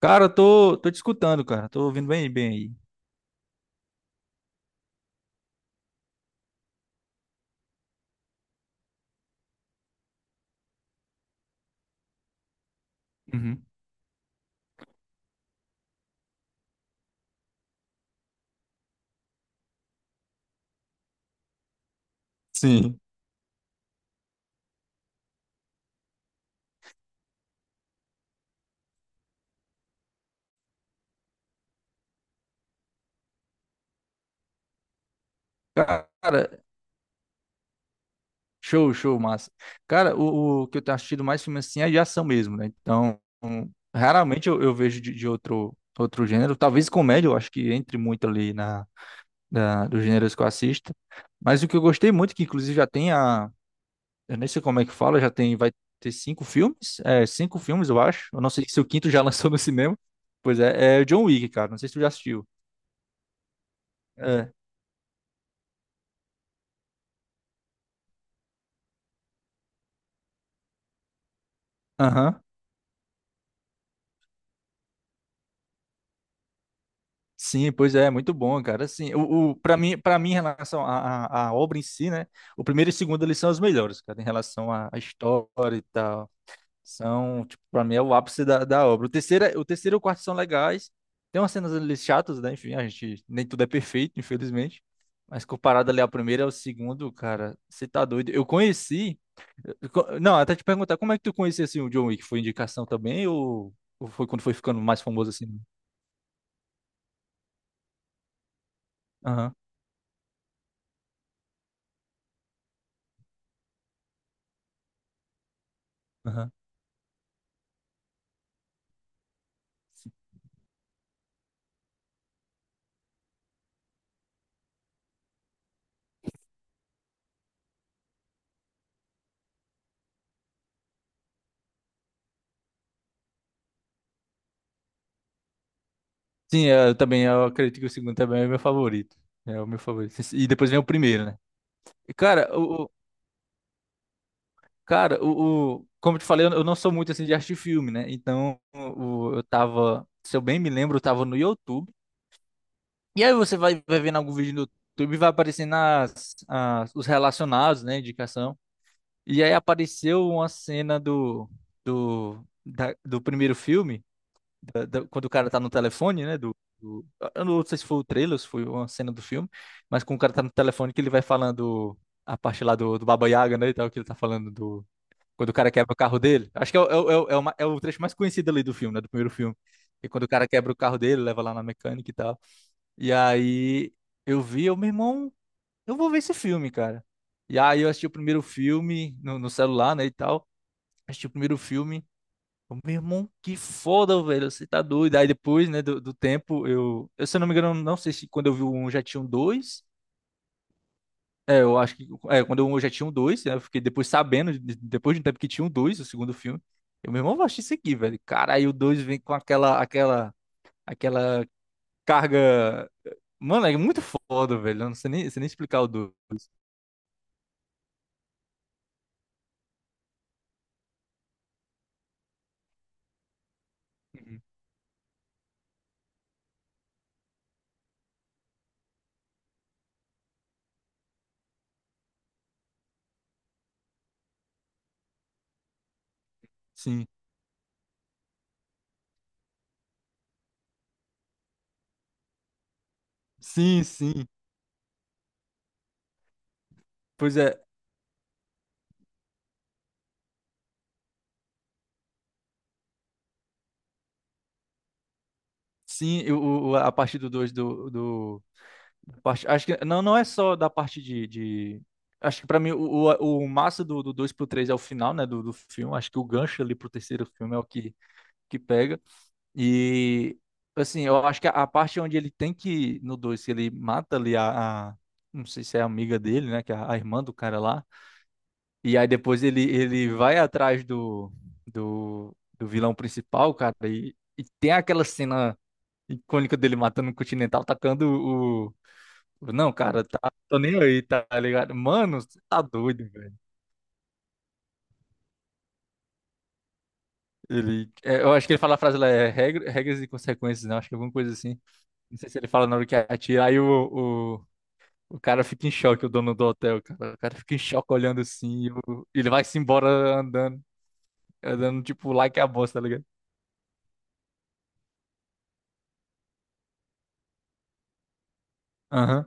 Cara, eu tô te escutando, cara. Tô ouvindo bem aí. Uhum. Sim. Cara, show, show, massa. Cara, o que eu tenho assistido mais filme assim é de ação mesmo, né? Então, raramente eu vejo de outro gênero. Talvez comédia, eu acho que entre muito ali na dos gêneros que eu assisto. Mas o que eu gostei muito, que inclusive já tem a. Eu nem sei como é que fala, já tem. Vai ter cinco filmes? É, cinco filmes, eu acho. Eu não sei se o quinto já lançou no cinema. Pois é, é o John Wick, cara. Não sei se tu já assistiu. É. Aham. Sim, pois é, muito bom, cara. Assim, o para mim em relação à obra em si, né? O primeiro e o segundo eles são os melhores, cara, em relação à história e tal. São, tipo, para mim é o ápice da obra. O terceiro, o terceiro e o quarto são legais. Tem umas cenas ali chatas, né? Enfim, a gente, nem tudo é perfeito, infelizmente. Mas comparado ali ao primeiro e ao segundo, cara, você tá doido. Eu conheci, não, até te perguntar, como é que tu conhecia assim o John Wick? Foi indicação também ou foi quando foi ficando mais famoso assim? Aham. Sim, é, eu também, eu acredito que o segundo também é o meu favorito. É o meu favorito. E depois vem o primeiro, né? E, Cara, o, o- cara, como eu te falei, eu não sou muito assim de assistir filme, né? Então, eu tava, se eu bem me lembro, eu tava no YouTube. E aí você vai, vai vendo algum vídeo no YouTube e vai aparecendo as, os relacionados, né? Indicação. E aí apareceu uma cena do, do primeiro filme. Quando o cara tá no telefone, né? Do, eu não sei se foi o trailer, se foi uma cena do filme, mas quando o cara tá no telefone que ele vai falando a parte lá do, Baba Yaga, né? E tal, que ele tá falando do. Quando o cara quebra o carro dele. Acho que o é o ma- é o trecho mais conhecido ali do filme, né? Do primeiro filme. E quando o cara quebra o carro dele, leva lá na mecânica e tal. E aí eu vi, eu, meu irmão, eu vou ver esse filme, cara. E aí eu assisti o primeiro filme no celular, né? E tal. Assisti o primeiro filme. Eu, meu irmão, que foda, velho. Você tá doido. Aí depois, né, do tempo, eu, eu. Se eu não me engano, não sei se quando eu vi o 1 já tinha um dois. É, eu acho que. É, quando eu já tinha um dois, né? Eu fiquei depois sabendo, depois de um tempo que tinha um 2 o segundo filme. Eu, meu irmão, vou assistir isso aqui, velho. Cara, aí o 2 vem com aquela, aquela carga. Mano, é muito foda, velho. Eu não sei nem, sei nem explicar o dois. Uhum. Sim. Sim, sim. Pois é. Sim, eu, a partir do 2 Acho que não, não é só da parte Acho que pra mim o massa do 2 pro 3 é o final, né, do filme. Acho que o gancho ali pro terceiro filme é o que, pega. E, assim, eu acho que a parte onde ele tem que... No 2 que ele mata ali a, Não sei se é a amiga dele, né, que é a, irmã do cara lá. E aí depois ele, ele vai atrás do, do vilão principal, cara. E tem aquela cena icônica dele matando o Continental, tacando não, cara, tá, tô nem aí, tá ligado? Mano, você tá doido, velho. Ele, é, eu acho que ele fala a frase lá, é regras e consequências, não. Acho que é alguma coisa assim. Não sei se ele fala na hora que atira, aí o cara fica em choque, o dono do hotel, cara. O cara fica em choque olhando assim, ele vai-se embora andando, tipo lá que é a bosta, tá ligado? Aham.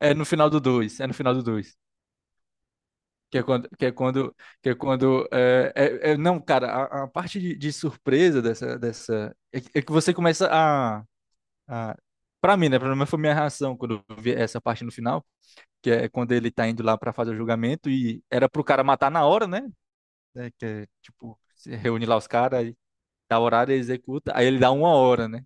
É no final do dois, é no final do dois. Que é quando, que é quando, que é quando, não, cara, a parte de surpresa é que você começa a. Ah, para mim, né? Pelo menos foi minha reação quando eu vi essa parte no final, que é quando ele tá indo lá pra fazer o julgamento e era pro cara matar na hora, né? É, que é, tipo, se reúne lá os caras, aí dá horário, ele executa, aí ele dá uma hora, né?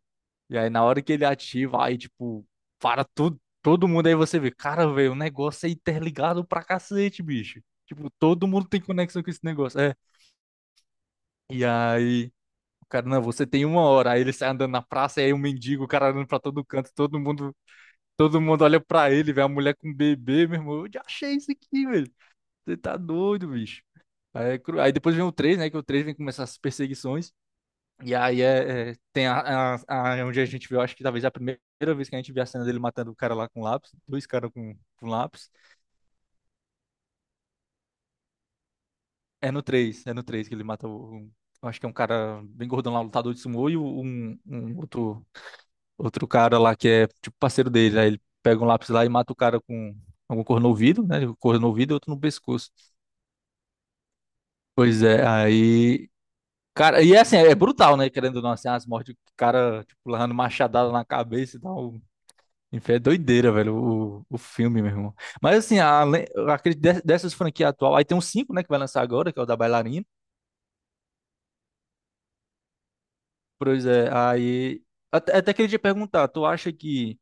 E aí na hora que ele ativa, aí tipo, para tudo, todo mundo, aí você vê, cara, velho, o negócio é interligado pra cacete, bicho. Tipo, todo mundo tem conexão com esse negócio. É. E aí, o cara, não, você tem uma hora. Aí ele sai andando na praça, e aí um mendigo, o cara andando pra todo canto, todo mundo. Todo mundo olha pra ele, vê a mulher com bebê, meu irmão. Eu já achei isso aqui, velho. Você tá doido, bicho. Aí, aí depois vem o três, né? Que o 3 vem começar as perseguições. E aí é, tem onde a gente viu, acho que talvez a primeira vez que a gente viu a cena dele matando o cara lá com lápis. Dois caras com, lápis. É no três, é no 3 que ele mata Acho que é um cara bem gordão lá, lutador de sumô, um outro cara lá que é tipo parceiro dele. Aí ele pega um lápis lá e mata o cara com algum cor no ouvido, né? Cor no ouvido e outro no pescoço. Pois é, aí. Cara, e é assim, é brutal, né? Querendo ou não, assim, as mortes, o cara, tipo, levando machadada na cabeça e tal. Enfim, é doideira, velho, o filme, meu irmão. Mas assim, além, eu acredito dessas franquias atual, aí tem um cinco, né, que vai lançar agora, que é o da bailarina. Pois é, aí. Até, até queria te perguntar, tu acha que,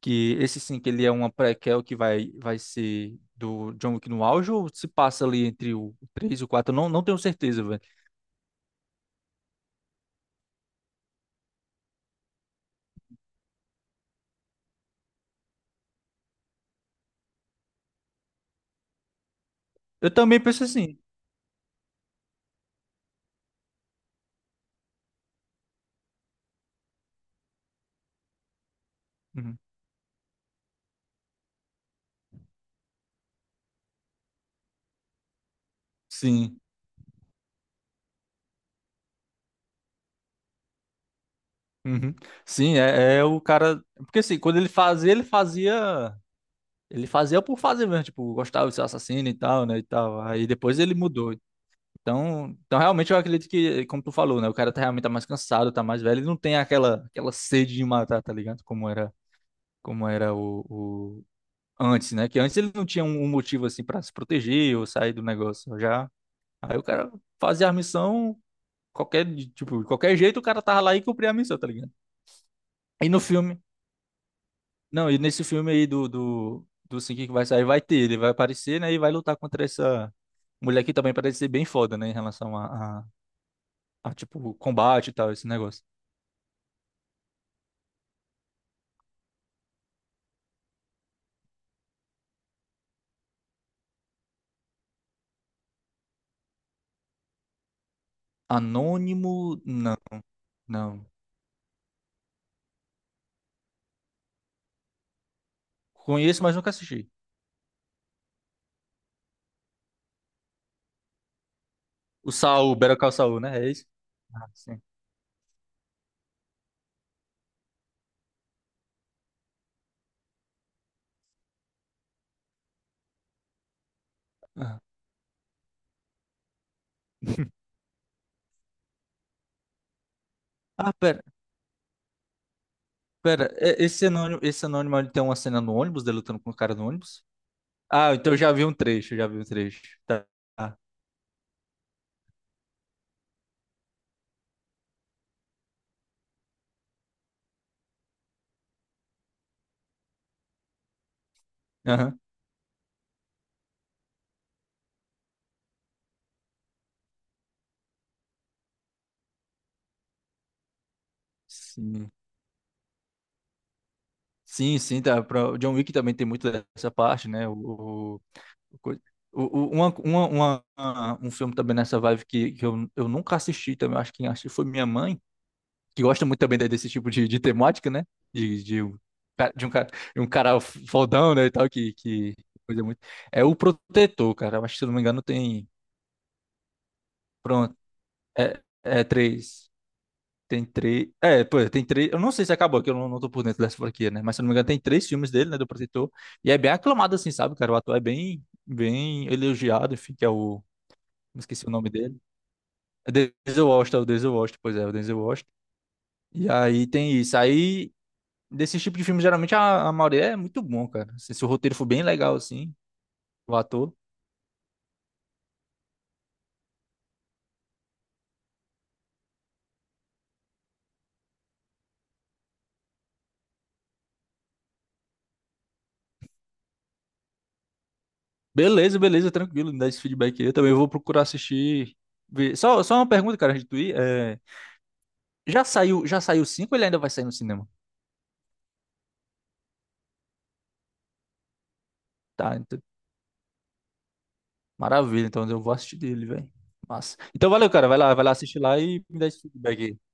esse 5 ele é uma prequel que vai, vai ser do John Wick no auge ou se passa ali entre o 3 e o 4? Eu não, não tenho certeza, velho. Eu também penso assim. Uhum. Sim. Uhum. Sim, é, é o cara. Porque assim, quando ele fazia, ele fazia. Ele fazia por fazer mesmo, tipo, gostava de ser assassino e tal, né? E tal. Aí depois ele mudou. Então, então realmente eu acredito que, como tu falou, né? O cara tá realmente tá mais cansado, tá mais velho, ele não tem aquela, sede de matar, tá ligado? Como era antes, né? Que antes ele não tinha um, motivo assim pra se proteger ou sair do negócio. Já. Aí o cara fazia a missão, qualquer, tipo, de qualquer jeito o cara tava lá e cumpria a missão, tá ligado? E no filme. Não, e nesse filme aí do, do Sing que vai sair, vai ter, ele vai aparecer, né? E vai lutar contra essa mulher que também parece ser bem foda, né? Em relação a, tipo, combate e tal, esse negócio. Anônimo, não, não. Conheço, mas nunca assisti. O Saul, Better Call Saul, né? É isso? Ah, sim. Ah, Ah, pera, pera. Esse anônimo ele tem uma cena no ônibus, dele lutando com o cara no ônibus? Ah, então eu já vi um trecho, já vi um trecho. Tá. Aham. Sim. Sim, sim, tá, pra, o John Wick também tem muito dessa parte, né? O, coi- o- um filme também nessa vibe que, eu, nunca assisti também, eu acho que quem assistiu foi minha mãe, que gosta muito também desse tipo de temática, né? De, de, um cara- de um cara, de um cara fodão, né, e tal, que, coisa muito. É o Protetor, cara, eu acho que se eu não me engano tem. Pronto, é, é três. Tem três. É, pô, tem três. Eu não sei se acabou, que eu não tô por dentro dessa franquia, né? Mas se eu não me engano, tem três filmes dele, né? Do Protetor. E é bem aclamado, assim, sabe, cara? O ator é bem, bem elogiado, enfim, que é o. Não esqueci o nome dele. É Denzel Washington, é o Denzel Washington, pois é, o Denzel Washington. E aí tem isso. Aí, desse tipo de filme, geralmente a maioria é muito bom, cara. Se o roteiro for bem legal, assim, o ator. Beleza, beleza, tranquilo, me dá esse feedback aí. Eu também vou procurar assistir. Ver. Só uma pergunta, cara, antes de tu ir. É, já saiu, já saiu cinco ou ele ainda vai sair no cinema? Tá, maravilha. Então eu vou assistir dele, velho. Massa. Então valeu, cara. Vai lá assistir lá e me dá esse feedback aí.